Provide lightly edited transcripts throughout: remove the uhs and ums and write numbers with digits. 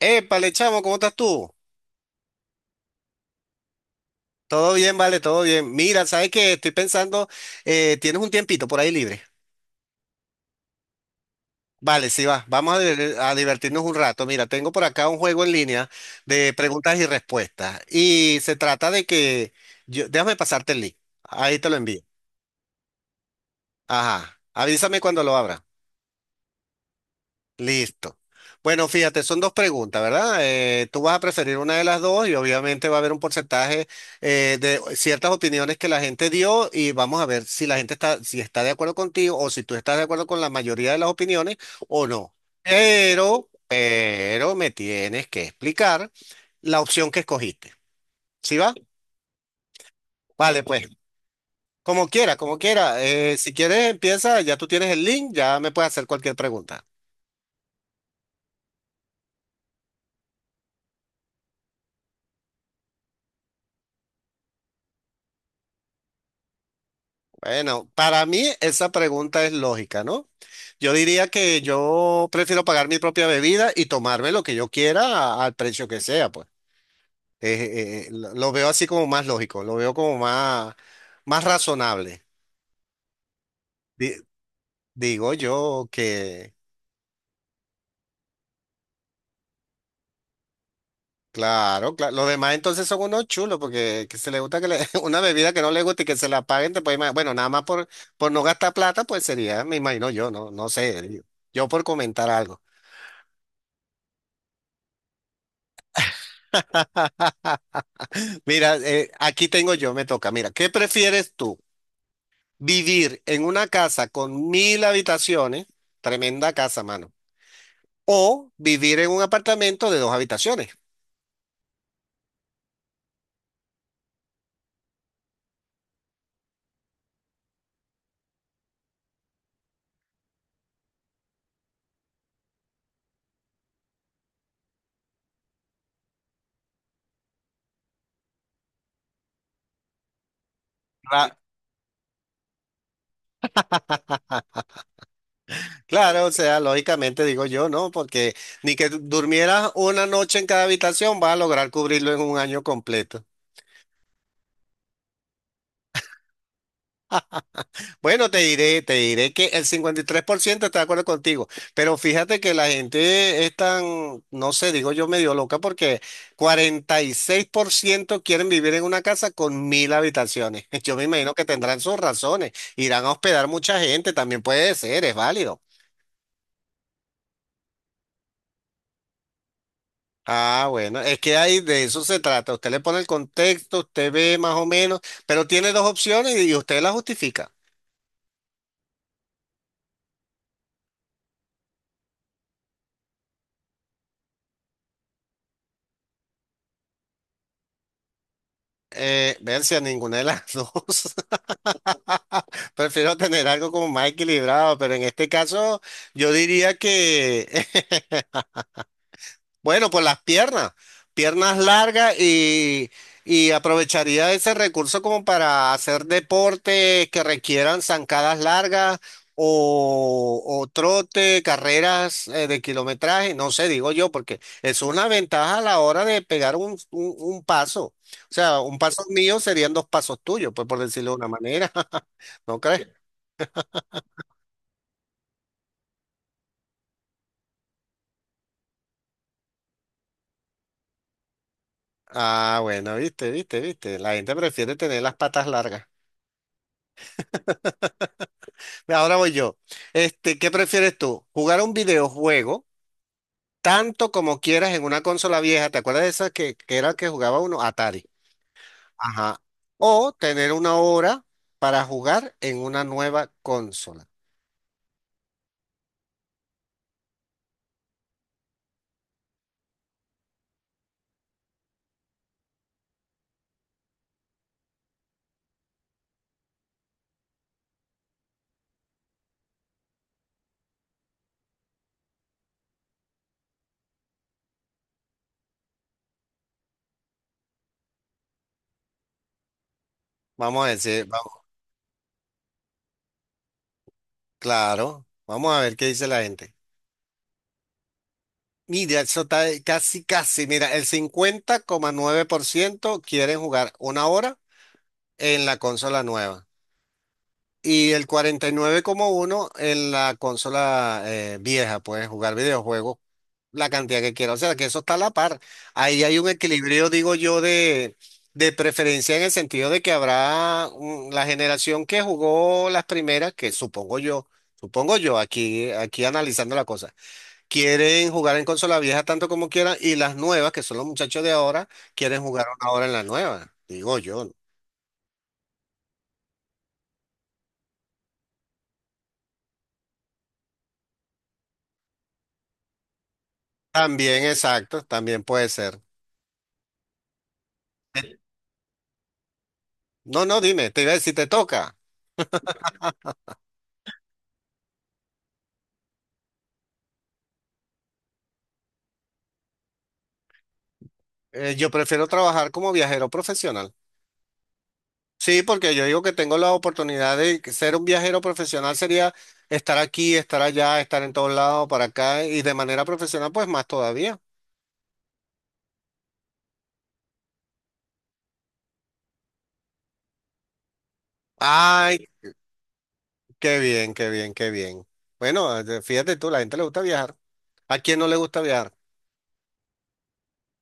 Épale, chamo, ¿cómo estás tú? Todo bien, vale, todo bien. Mira, ¿sabes qué? Estoy pensando, tienes un tiempito por ahí libre. Vale, sí va, vamos a, a divertirnos un rato. Mira, tengo por acá un juego en línea de preguntas y respuestas. Y se trata de que, yo, déjame pasarte el link. Ahí te lo envío. Ajá, avísame cuando lo abra. Listo. Bueno, fíjate, son dos preguntas, ¿verdad? Tú vas a preferir una de las dos y obviamente va a haber un porcentaje de ciertas opiniones que la gente dio y vamos a ver si la gente está, si está de acuerdo contigo o si tú estás de acuerdo con la mayoría de las opiniones o no. Pero me tienes que explicar la opción que escogiste. ¿Sí va? Vale, pues, como quiera, como quiera. Si quieres, empieza, ya tú tienes el link, ya me puedes hacer cualquier pregunta. Bueno, para mí esa pregunta es lógica, ¿no? Yo diría que yo prefiero pagar mi propia bebida y tomarme lo que yo quiera al precio que sea, pues. Lo veo así como más lógico, lo veo como más, más razonable. Di- digo yo que, claro, claro, los demás entonces son unos chulos porque que se le gusta que le- una bebida que no le guste y que se la paguen, bueno, nada más por no gastar plata, pues sería, me imagino yo, no, no sé, digo, yo por comentar algo. Mira, aquí tengo yo, me toca. Mira, ¿qué prefieres tú? ¿Vivir en una casa con mil habitaciones? Tremenda casa, mano. ¿O vivir en un apartamento de dos habitaciones? Ra- Claro, o sea, lógicamente digo yo, ¿no? Porque ni que durmieras una noche en cada habitación vas a lograr cubrirlo en un año completo. Bueno, te diré que el 53% está de acuerdo contigo, pero fíjate que la gente es tan, no sé, digo yo medio loca porque 46% quieren vivir en una casa con mil habitaciones. Yo me imagino que tendrán sus razones, irán a hospedar mucha gente, también puede ser, es válido. Ah, bueno, es que ahí de eso se trata. Usted le pone el contexto, usted ve más o menos, pero tiene dos opciones y usted la justifica. Ver si a ninguna de las dos. Prefiero tener algo como más equilibrado, pero en este caso yo diría que, bueno, pues las piernas, piernas largas y aprovecharía ese recurso como para hacer deportes que requieran zancadas largas o trote, carreras de kilometraje, no sé, digo yo, porque es una ventaja a la hora de pegar un, un paso. O sea, un paso mío serían dos pasos tuyos, pues por decirlo de una manera, ¿no crees? Ah, bueno, viste, viste, viste. La gente prefiere tener las patas largas. Ve, ahora voy yo. Este, ¿qué prefieres tú? ¿Jugar un videojuego tanto como quieras en una consola vieja? ¿Te acuerdas de esas que era que jugaba uno? Atari. Ajá. O tener una hora para jugar en una nueva consola. Vamos a decir, vamos, claro. Vamos a ver qué dice la gente. Mira, eso está ahí, casi, casi. Mira, el 50,9% quieren jugar una hora en la consola nueva. Y el 49,1 en la consola vieja, puedes jugar videojuegos la cantidad que quieras. O sea, que eso está a la par. Ahí hay un equilibrio, digo yo, de preferencia en el sentido de que habrá mm, la generación que jugó las primeras, que supongo yo, aquí, aquí analizando la cosa, quieren jugar en consola vieja tanto como quieran y las nuevas, que son los muchachos de ahora, quieren jugar ahora en la nueva, digo yo. ¿No? También, exacto, también puede ser. No, no, dime, te iba a decir, te toca. Yo prefiero trabajar como viajero profesional. Sí, porque yo digo que tengo la oportunidad de que ser un viajero profesional sería estar aquí, estar allá, estar en todos lados, para acá y de manera profesional, pues más todavía. Ay, qué bien, qué bien, qué bien. Bueno, fíjate tú, la gente le gusta viajar. ¿A quién no le gusta viajar?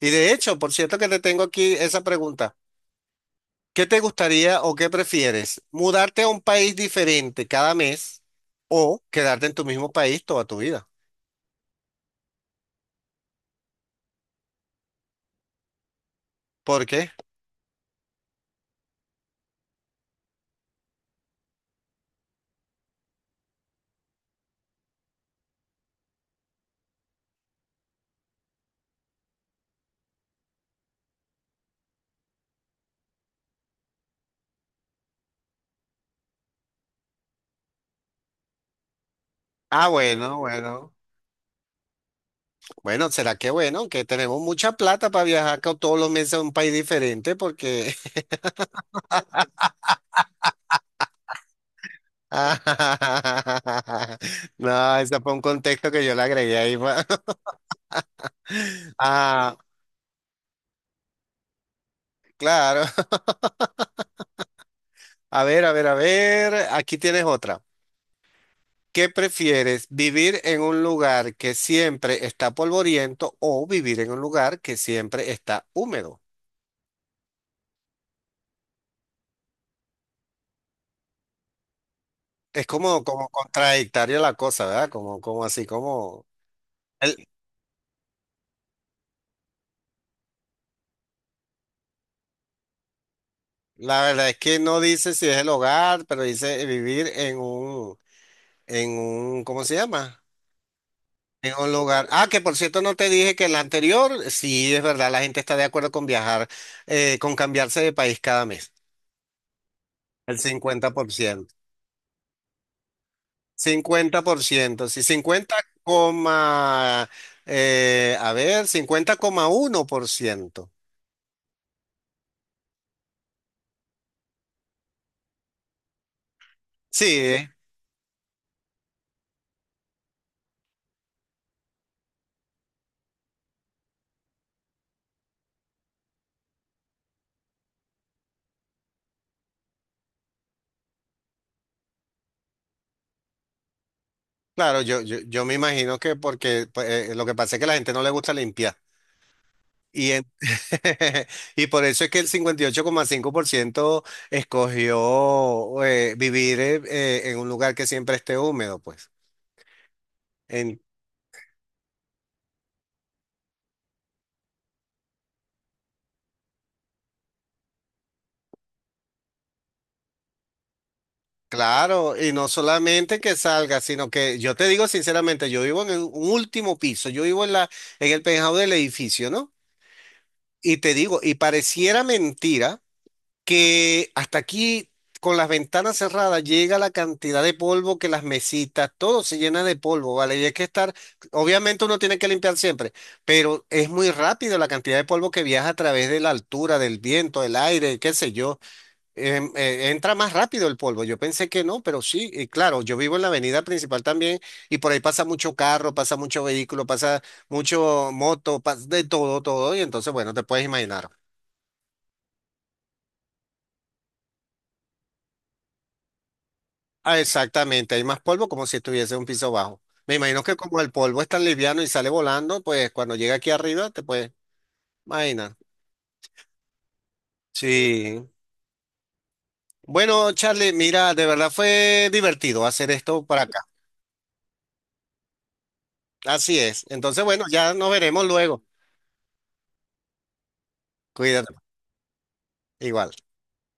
Y de hecho, por cierto que te tengo aquí esa pregunta. ¿Qué te gustaría o qué prefieres? ¿Mudarte a un país diferente cada mes o quedarte en tu mismo país toda tu vida? ¿Por qué? Ah, bueno, bueno. Bueno, ¿será que bueno? Que tenemos mucha plata para viajar todos los meses a un país diferente porque... Ah, no, ese fue un contexto que yo le agregué ahí. Ah, claro. A ver, a ver, a ver. Aquí tienes otra. ¿Qué prefieres? ¿Vivir en un lugar que siempre está polvoriento o vivir en un lugar que siempre está húmedo? Es como, como contradictoria la cosa, ¿verdad? Como, como así, como... El- la verdad es que no dice si es el hogar, pero dice vivir en un, ¿cómo se llama? En un lugar. Ah, que por cierto no te dije que el anterior, sí, es verdad, la gente está de acuerdo con viajar, con cambiarse de país cada mes. El 50 50%, 50%, sí, cincuenta coma, a ver, 50,1%. Sí, claro, yo me imagino que porque pues, lo que pasa es que a la gente no le gusta limpiar. Y, en- y por eso es que el 58,5% escogió vivir en un lugar que siempre esté húmedo, pues. En- claro, y no solamente que salga, sino que yo te digo sinceramente, yo vivo en un último piso, yo vivo en la, en el penthouse del edificio, ¿no? Y te digo, y pareciera mentira que hasta aquí, con las ventanas cerradas, llega la cantidad de polvo que las mesitas, todo se llena de polvo, ¿vale? Y hay que estar, obviamente uno tiene que limpiar siempre, pero es muy rápido la cantidad de polvo que viaja a través de la altura, del viento, del aire, qué sé yo. Entra más rápido el polvo. Yo pensé que no, pero sí, y claro, yo vivo en la avenida principal también y por ahí pasa mucho carro, pasa mucho vehículo, pasa mucho moto, pasa de todo, todo, y entonces, bueno, te puedes imaginar. Ah, exactamente, hay más polvo como si estuviese en un piso bajo. Me imagino que como el polvo es tan liviano y sale volando, pues cuando llega aquí arriba te puedes imaginar. Sí. Bueno, Charlie, mira, de verdad fue divertido hacer esto para acá. Así es. Entonces, bueno, ya nos veremos luego. Cuídate. Igual.